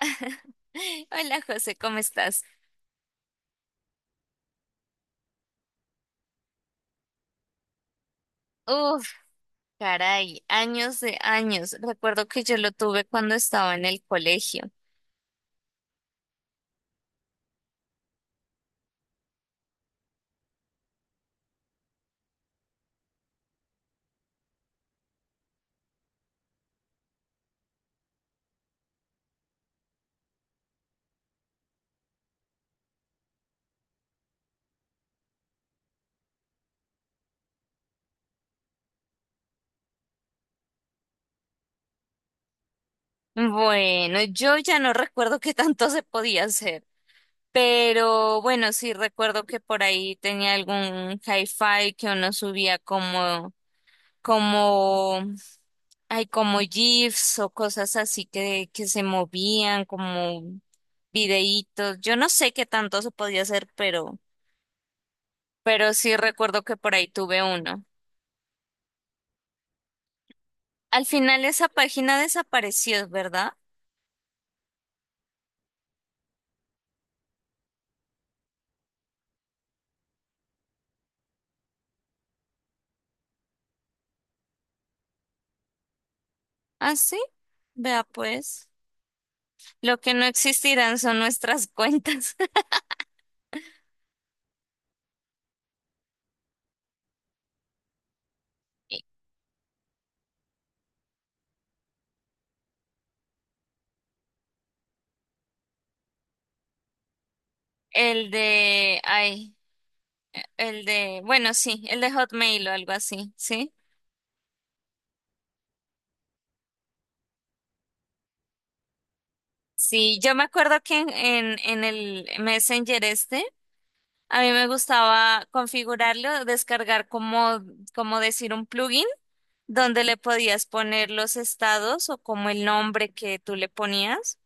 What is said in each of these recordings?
Hola José, ¿cómo estás? Uf, caray, años de años. Recuerdo que yo lo tuve cuando estaba en el colegio. Bueno, yo ya no recuerdo qué tanto se podía hacer, pero bueno, sí recuerdo que por ahí tenía algún hi-fi que uno subía como, como GIFs o cosas así que se movían, como videitos. Yo no sé qué tanto se podía hacer, pero sí recuerdo que por ahí tuve uno. Al final esa página desapareció, ¿verdad? Ah, sí. Vea pues. Lo que no existirán son nuestras cuentas. Y el de, el de, bueno, sí, el de Hotmail o algo así, ¿sí? Sí, yo me acuerdo que en el Messenger este, a mí me gustaba configurarlo, descargar como decir un plugin donde le podías poner los estados o como el nombre que tú le ponías.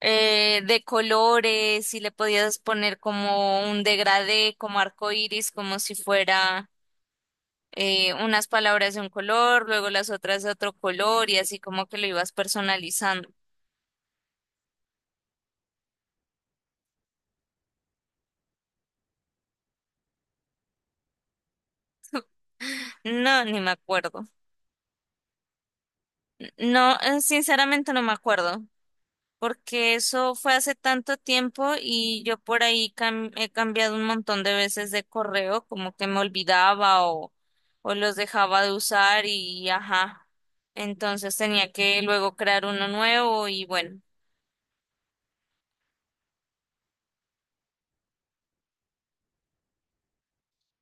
De colores y le podías poner como un degradé, como arco iris, como si fuera unas palabras de un color, luego las otras de otro color y así como que lo ibas personalizando. No, ni me acuerdo. No, sinceramente no me acuerdo, porque eso fue hace tanto tiempo y yo por ahí he cambiado un montón de veces de correo, como que me olvidaba o los dejaba de usar y ajá. Entonces tenía que luego crear uno nuevo y bueno.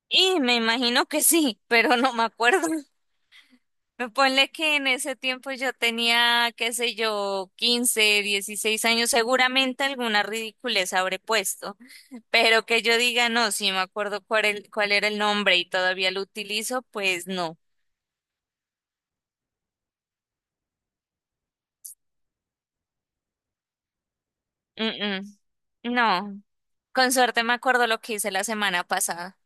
Y me imagino que sí, pero no me acuerdo. Me ponle que en ese tiempo yo tenía, qué sé yo, 15, 16 años, seguramente alguna ridiculez habré puesto. Pero que yo diga, no, si me acuerdo cuál, cuál era el nombre y todavía lo utilizo, pues no. Mm, mm. No, con suerte me acuerdo lo que hice la semana pasada.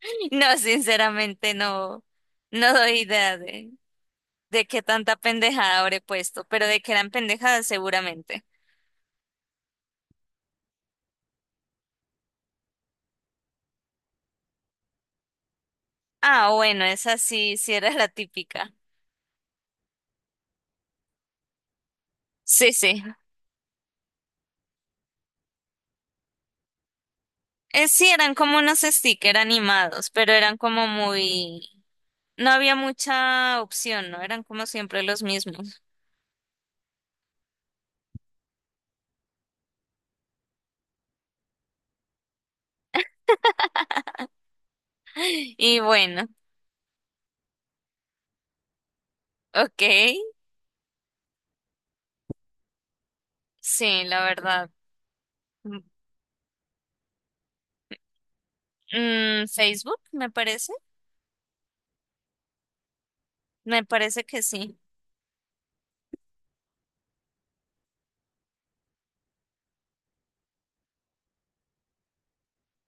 No, sinceramente no, no doy idea de qué tanta pendejada habré puesto, pero de que eran pendejadas seguramente. Ah, bueno, esa sí, sí era la típica. Sí, sí. Sí, eran como unos stickers animados, pero eran como muy... No había mucha opción, ¿no? Eran como siempre los mismos. Y bueno, ok, sí, la verdad. Facebook, me parece que sí.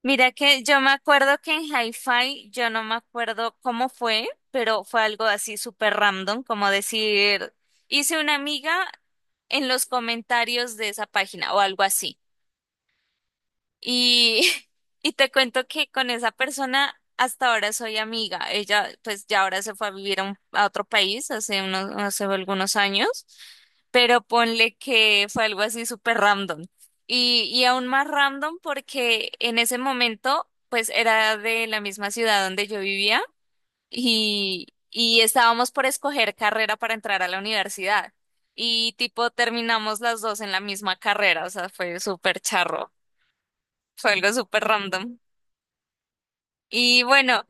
Mira que yo me acuerdo que en Hi-Fi, yo no me acuerdo cómo fue, pero fue algo así súper random, como decir, hice una amiga en los comentarios de esa página o algo así. Y, y te cuento que con esa persona hasta ahora soy amiga. Ella pues ya ahora se fue a vivir a, a otro país hace hace algunos años, pero ponle que fue algo así súper random. Y aún más random porque en ese momento pues era de la misma ciudad donde yo vivía y estábamos por escoger carrera para entrar a la universidad. Y tipo terminamos las dos en la misma carrera, o sea, fue súper charro. Fue algo súper random. Y bueno,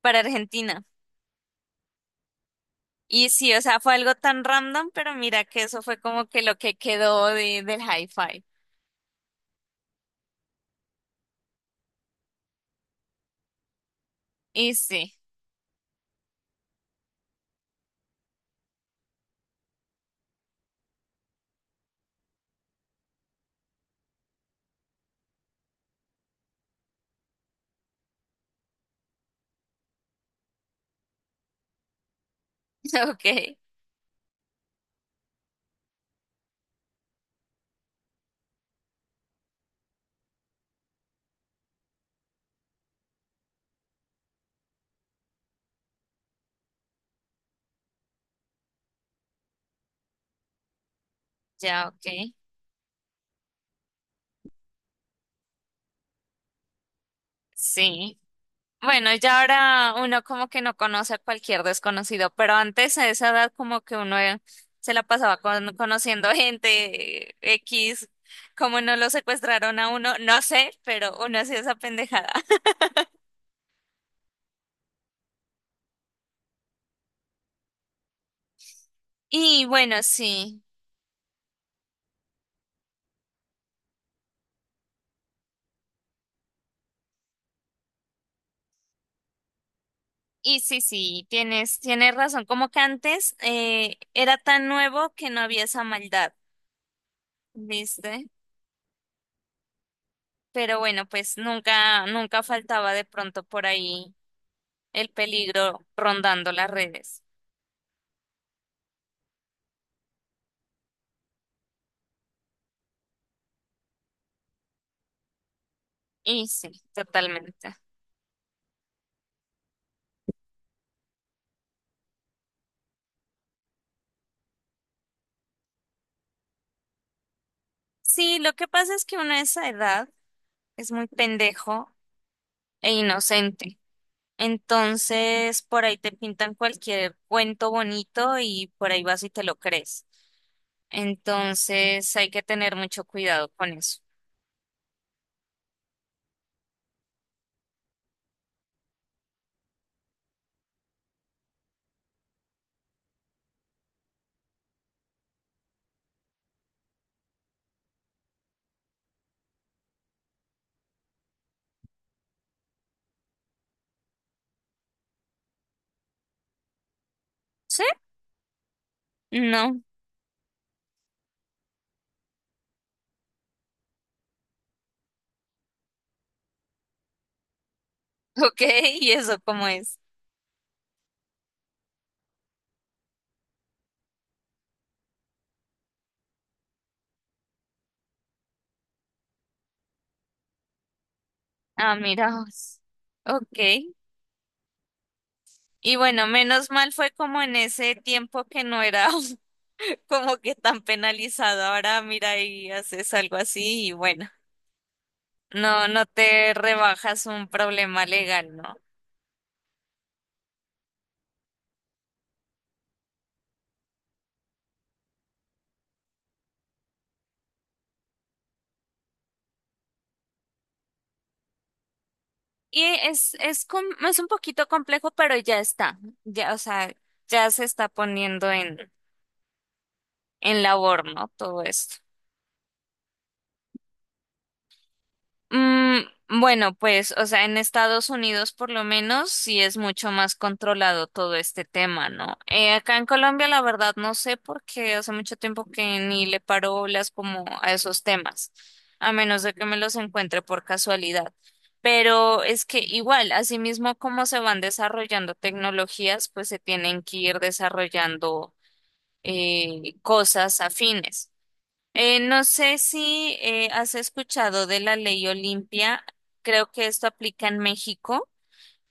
para Argentina. Y sí, o sea, fue algo tan random, pero mira que eso fue como que lo que quedó del hi-fi. Y sí, ok, ya, ok. Sí. Bueno, ya ahora uno como que no conoce a cualquier desconocido, pero antes a esa edad como que uno se la pasaba conociendo gente X, como no lo secuestraron a uno, no sé, pero uno hacía esa pendejada. Y bueno, sí. Y sí, sí, tienes razón. Como que antes era tan nuevo que no había esa maldad, ¿viste? Pero bueno, pues nunca, nunca faltaba de pronto por ahí el peligro rondando las redes. Y sí, totalmente. Sí, lo que pasa es que uno a esa edad es muy pendejo e inocente. Entonces, por ahí te pintan cualquier cuento bonito y por ahí vas y te lo crees. Entonces, hay que tener mucho cuidado con eso. ¿Sí? No. Ok, ¿y eso cómo es? Ah, mira, vos. Ok. Y bueno, menos mal fue como en ese tiempo que no era como que tan penalizado. Ahora mira y haces algo así y bueno, no, no te rebajas un problema legal, ¿no? Y es, es un poquito complejo, pero ya está. Ya, o sea, ya se está poniendo en labor, ¿no? Todo esto. Mm, bueno, pues, o sea, en Estados Unidos por lo menos sí es mucho más controlado todo este tema, ¿no? Acá en Colombia la verdad no sé porque hace mucho tiempo que ni le paro bolas como a esos temas, a menos de que me los encuentre por casualidad. Pero es que igual, asimismo como se van desarrollando tecnologías, pues se tienen que ir desarrollando cosas afines. No sé si has escuchado de la ley Olimpia, creo que esto aplica en México,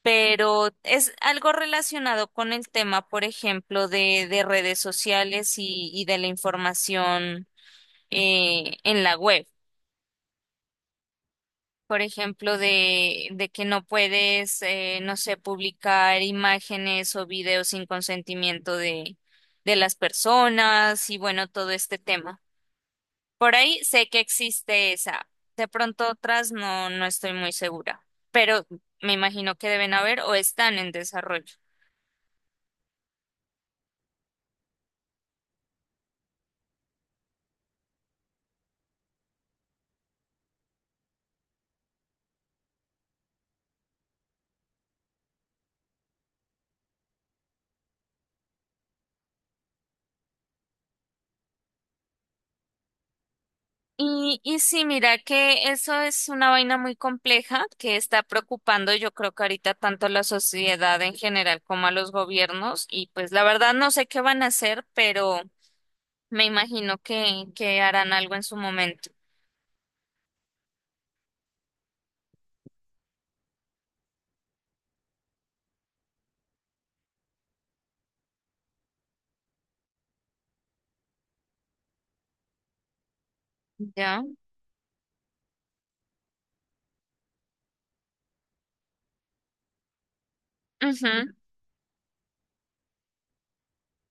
pero es algo relacionado con el tema, por ejemplo, de redes sociales y de la información en la web. Por ejemplo, de que no puedes, no sé, publicar imágenes o videos sin consentimiento de las personas y bueno, todo este tema. Por ahí sé que existe esa. De pronto otras no, no estoy muy segura, pero me imagino que deben haber o están en desarrollo. Y sí, mira que eso es una vaina muy compleja que está preocupando yo creo que ahorita tanto a la sociedad en general como a los gobiernos y pues la verdad no sé qué van a hacer, pero me imagino que harán algo en su momento. ¿Ya? Ujú.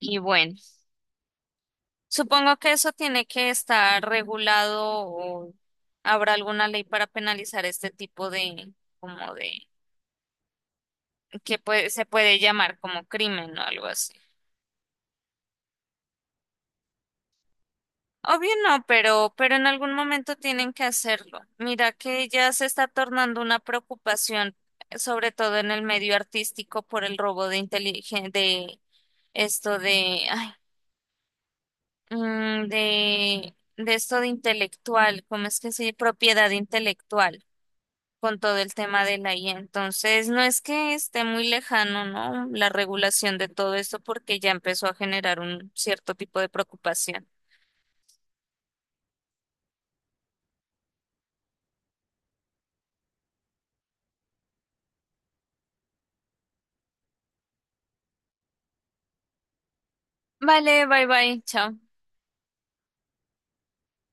Y bueno. Supongo que eso tiene que estar regulado o habrá alguna ley para penalizar este tipo de, como de, se puede llamar como crimen o algo así. Obvio no, pero en algún momento tienen que hacerlo. Mira que ya se está tornando una preocupación, sobre todo en el medio artístico, por el robo de de esto de esto de intelectual, ¿cómo es que se dice? Propiedad intelectual, con todo el tema de la IA. Entonces, no es que esté muy lejano, ¿no? La regulación de todo esto porque ya empezó a generar un cierto tipo de preocupación. Vale, bye bye, chao.